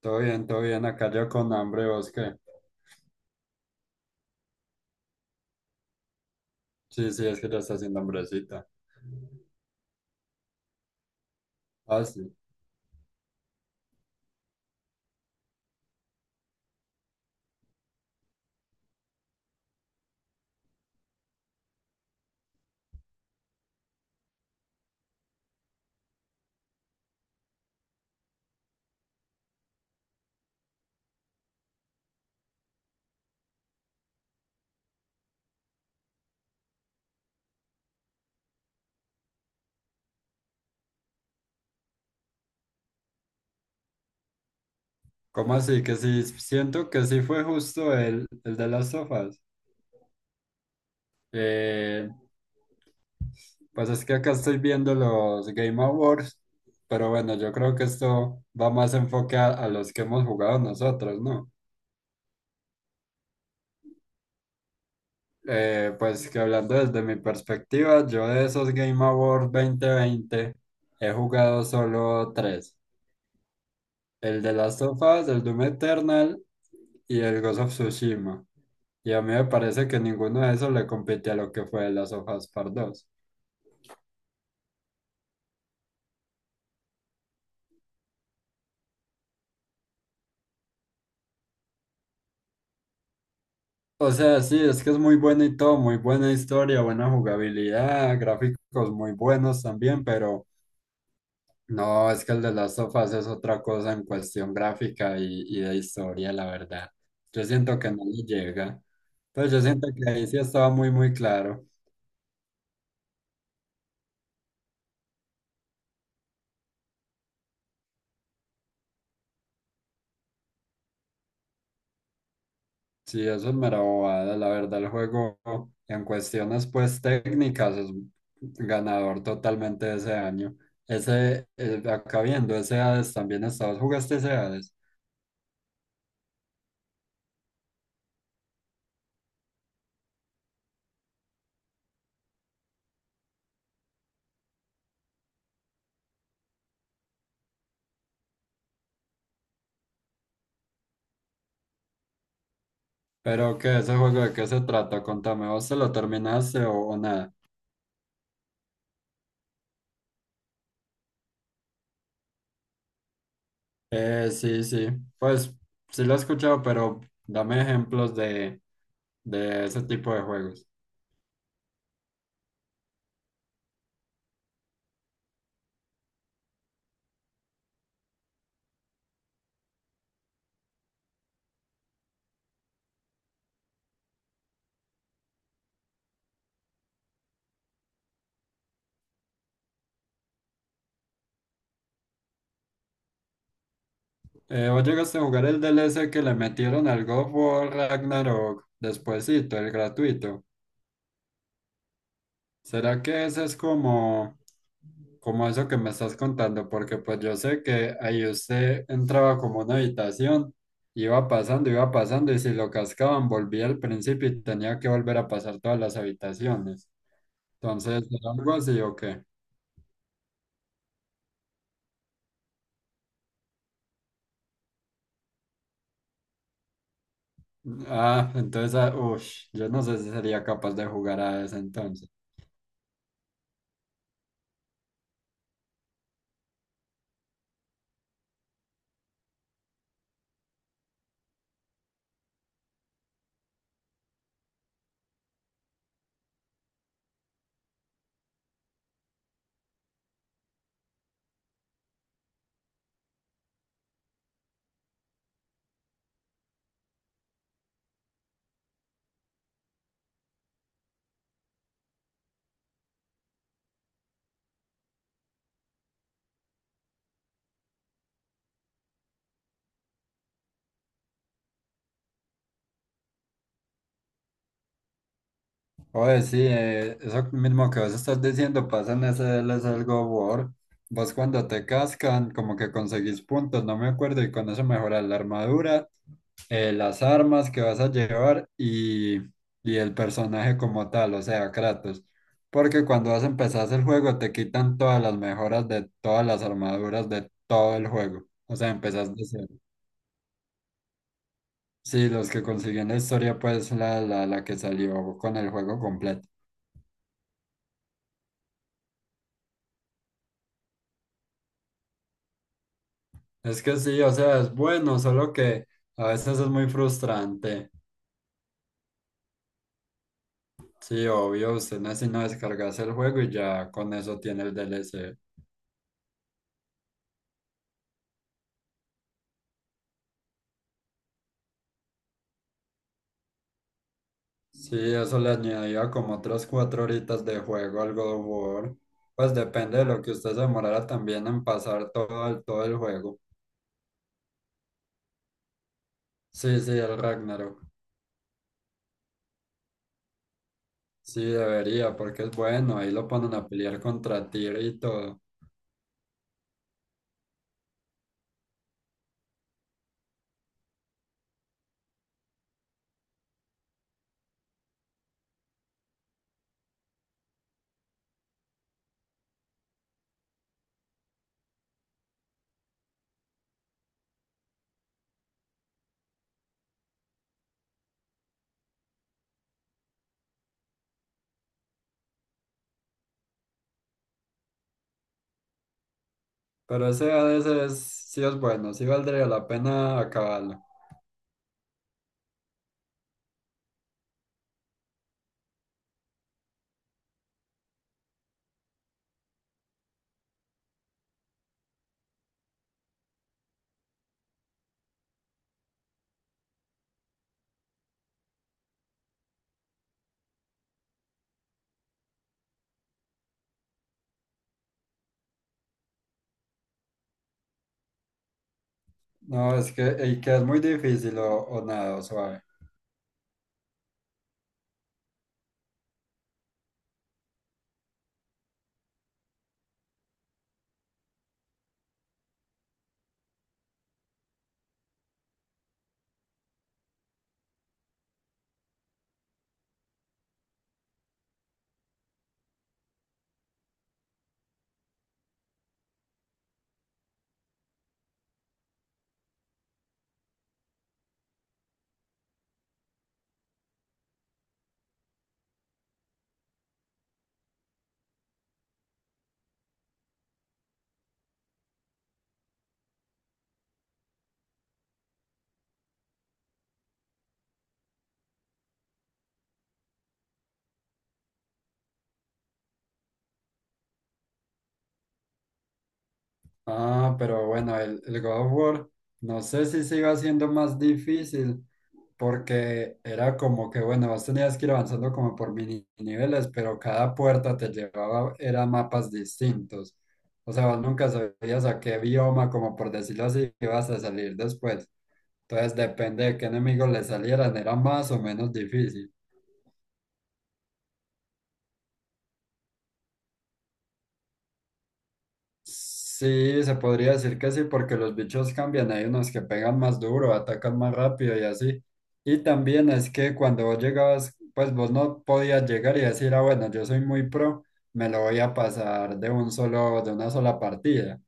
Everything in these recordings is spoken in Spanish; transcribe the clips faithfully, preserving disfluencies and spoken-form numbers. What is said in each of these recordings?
Todo bien, todo bien. Acá yo con hambre, ¿vos qué? Sí, sí, es que ya está haciendo hambrecita. Ah, sí. ¿Cómo así? Que sí, siento que sí fue justo el, el de las sofas. Eh, pues es que acá estoy viendo los Game Awards, pero bueno, yo creo que esto va más enfoque a, a los que hemos jugado nosotros, ¿no? Eh, pues que hablando desde mi perspectiva, yo de esos Game Awards dos mil veinte he jugado solo tres. El de Last of Us, el Doom Eternal y el Ghost of Tsushima. Y a mí me parece que ninguno de esos le compite a lo que fue Last of Us Part dos. O sea, sí, es que es muy bueno y todo, muy buena historia, buena jugabilidad, gráficos muy buenos también, pero no, es que el de Last of Us es otra cosa en cuestión gráfica y, y de historia, la verdad. Yo siento que no le llega. Entonces yo siento que ahí sí estaba muy, muy claro. Sí, eso es mera bobada, la verdad, el juego en cuestiones pues técnicas es ganador totalmente de ese año. Ese, eh, acá viendo, ese Hades también estabas, jugaste ese Hades, pero ¿qué ese juego de qué se trata? Contame, ¿vos se lo terminaste o, o nada? Eh, sí, sí, pues sí lo he escuchado, pero dame ejemplos de, de ese tipo de juegos. Eh, ¿vos llegaste a jugar el D L C que le metieron al God of War Ragnarok despuésito, el gratuito? ¿Será que eso es como, como eso que me estás contando? Porque pues yo sé que ahí usted entraba como una habitación, iba pasando, iba pasando, y si lo cascaban, volvía al principio y tenía que volver a pasar todas las habitaciones. Entonces, ¿era algo así o qué? Ah, entonces, ah, ush, yo no sé si sería capaz de jugar a ese entonces. Oye, sí, eh, eso mismo que vos estás diciendo pasa en S L, es algo war. Vos cuando te cascan, como que conseguís puntos, no me acuerdo, y con eso mejoras la armadura, eh, las armas que vas a llevar y, y el personaje como tal, o sea, Kratos. Porque cuando vas a empezar el juego te quitan todas las mejoras de todas las armaduras de todo el juego. O sea, empezás de cero. Sí, los que consiguen la historia, pues la, la, la que salió con el juego completo. Es que sí, o sea, es bueno, solo que a veces es muy frustrante. Sí, obvio, usted no es sino descargarse el juego y ya con eso tiene el D L C. Sí, eso le añadía como otras cuatro horitas de juego al God of War. Pues depende de lo que usted se demorara también en pasar todo el, todo el juego. Sí, sí, el Ragnarok. Sí, debería, porque es bueno, ahí lo ponen a pelear contra Tyr y todo. Pero ese a veces sí es bueno, sí valdría la pena acabarlo. No, es que el que es muy difícil o, o nada, o suave. Ah, pero bueno, el, el God of War, no sé si se iba haciendo más difícil, porque era como que, bueno, vos tenías que ir avanzando como por mini niveles, pero cada puerta te llevaba, era mapas distintos. O sea, vos nunca sabías a qué bioma, como por decirlo así, ibas a salir después. Entonces, depende de qué enemigos le salieran, era más o menos difícil. Sí, se podría decir que sí, porque los bichos cambian, hay unos que pegan más duro, atacan más rápido y así. Y también es que cuando vos llegabas, pues vos no podías llegar y decir, ah, bueno, yo soy muy pro, me lo voy a pasar de un solo, de una sola partida.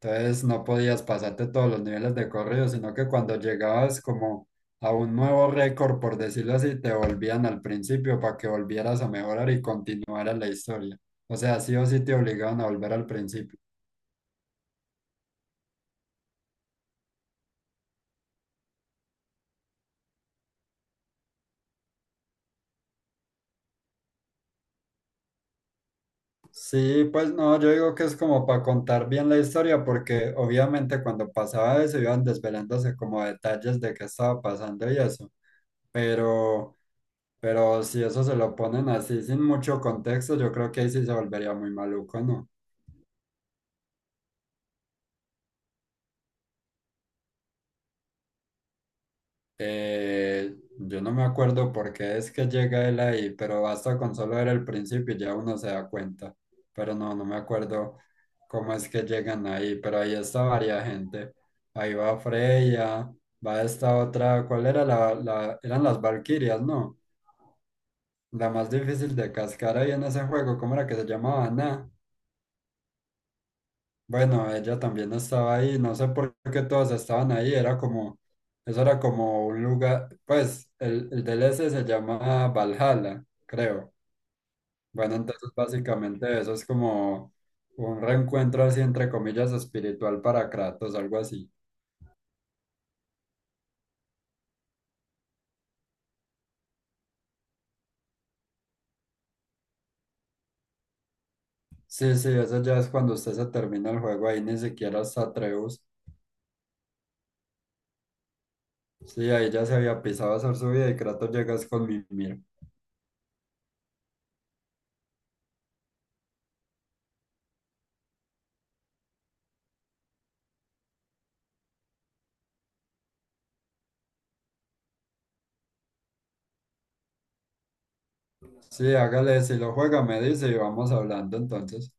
Entonces no podías pasarte todos los niveles de corrido, sino que cuando llegabas como a un nuevo récord, por decirlo así, te volvían al principio para que volvieras a mejorar y continuara la historia. O sea, sí o sí te obligaban a volver al principio. Sí, pues no, yo digo que es como para contar bien la historia, porque obviamente cuando pasaba eso iban desvelándose como detalles de qué estaba pasando y eso, pero, pero, si eso se lo ponen así sin mucho contexto, yo creo que ahí sí se volvería muy maluco, ¿no? Eh, yo no me acuerdo por qué es que llega él ahí, pero basta con solo ver el principio y ya uno se da cuenta. Pero no, no me acuerdo cómo es que llegan ahí, pero ahí está varia gente. Ahí va Freya, va esta otra, ¿cuál era la, la- eran las Valquirias, ¿no? La más difícil de cascar ahí en ese juego, ¿cómo era que se llamaba? Ana. Bueno, ella también estaba ahí, no sé por qué todos estaban ahí, era como, eso era como un lugar, pues el, el D L C se llama Valhalla, creo. Bueno, entonces básicamente eso es como un reencuentro así entre comillas espiritual para Kratos, algo así. Sí, sí, eso ya es cuando usted se termina el juego, ahí ni siquiera está Atreus. Sí, ahí ya se había pisado a hacer su vida y Kratos llegas con Mimir. Sí, hágale, si lo juega me dice y vamos hablando entonces.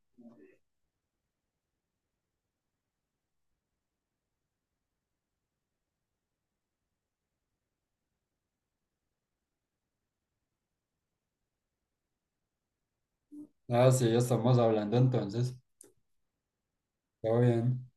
Ah, sí, estamos hablando entonces. Todo bien.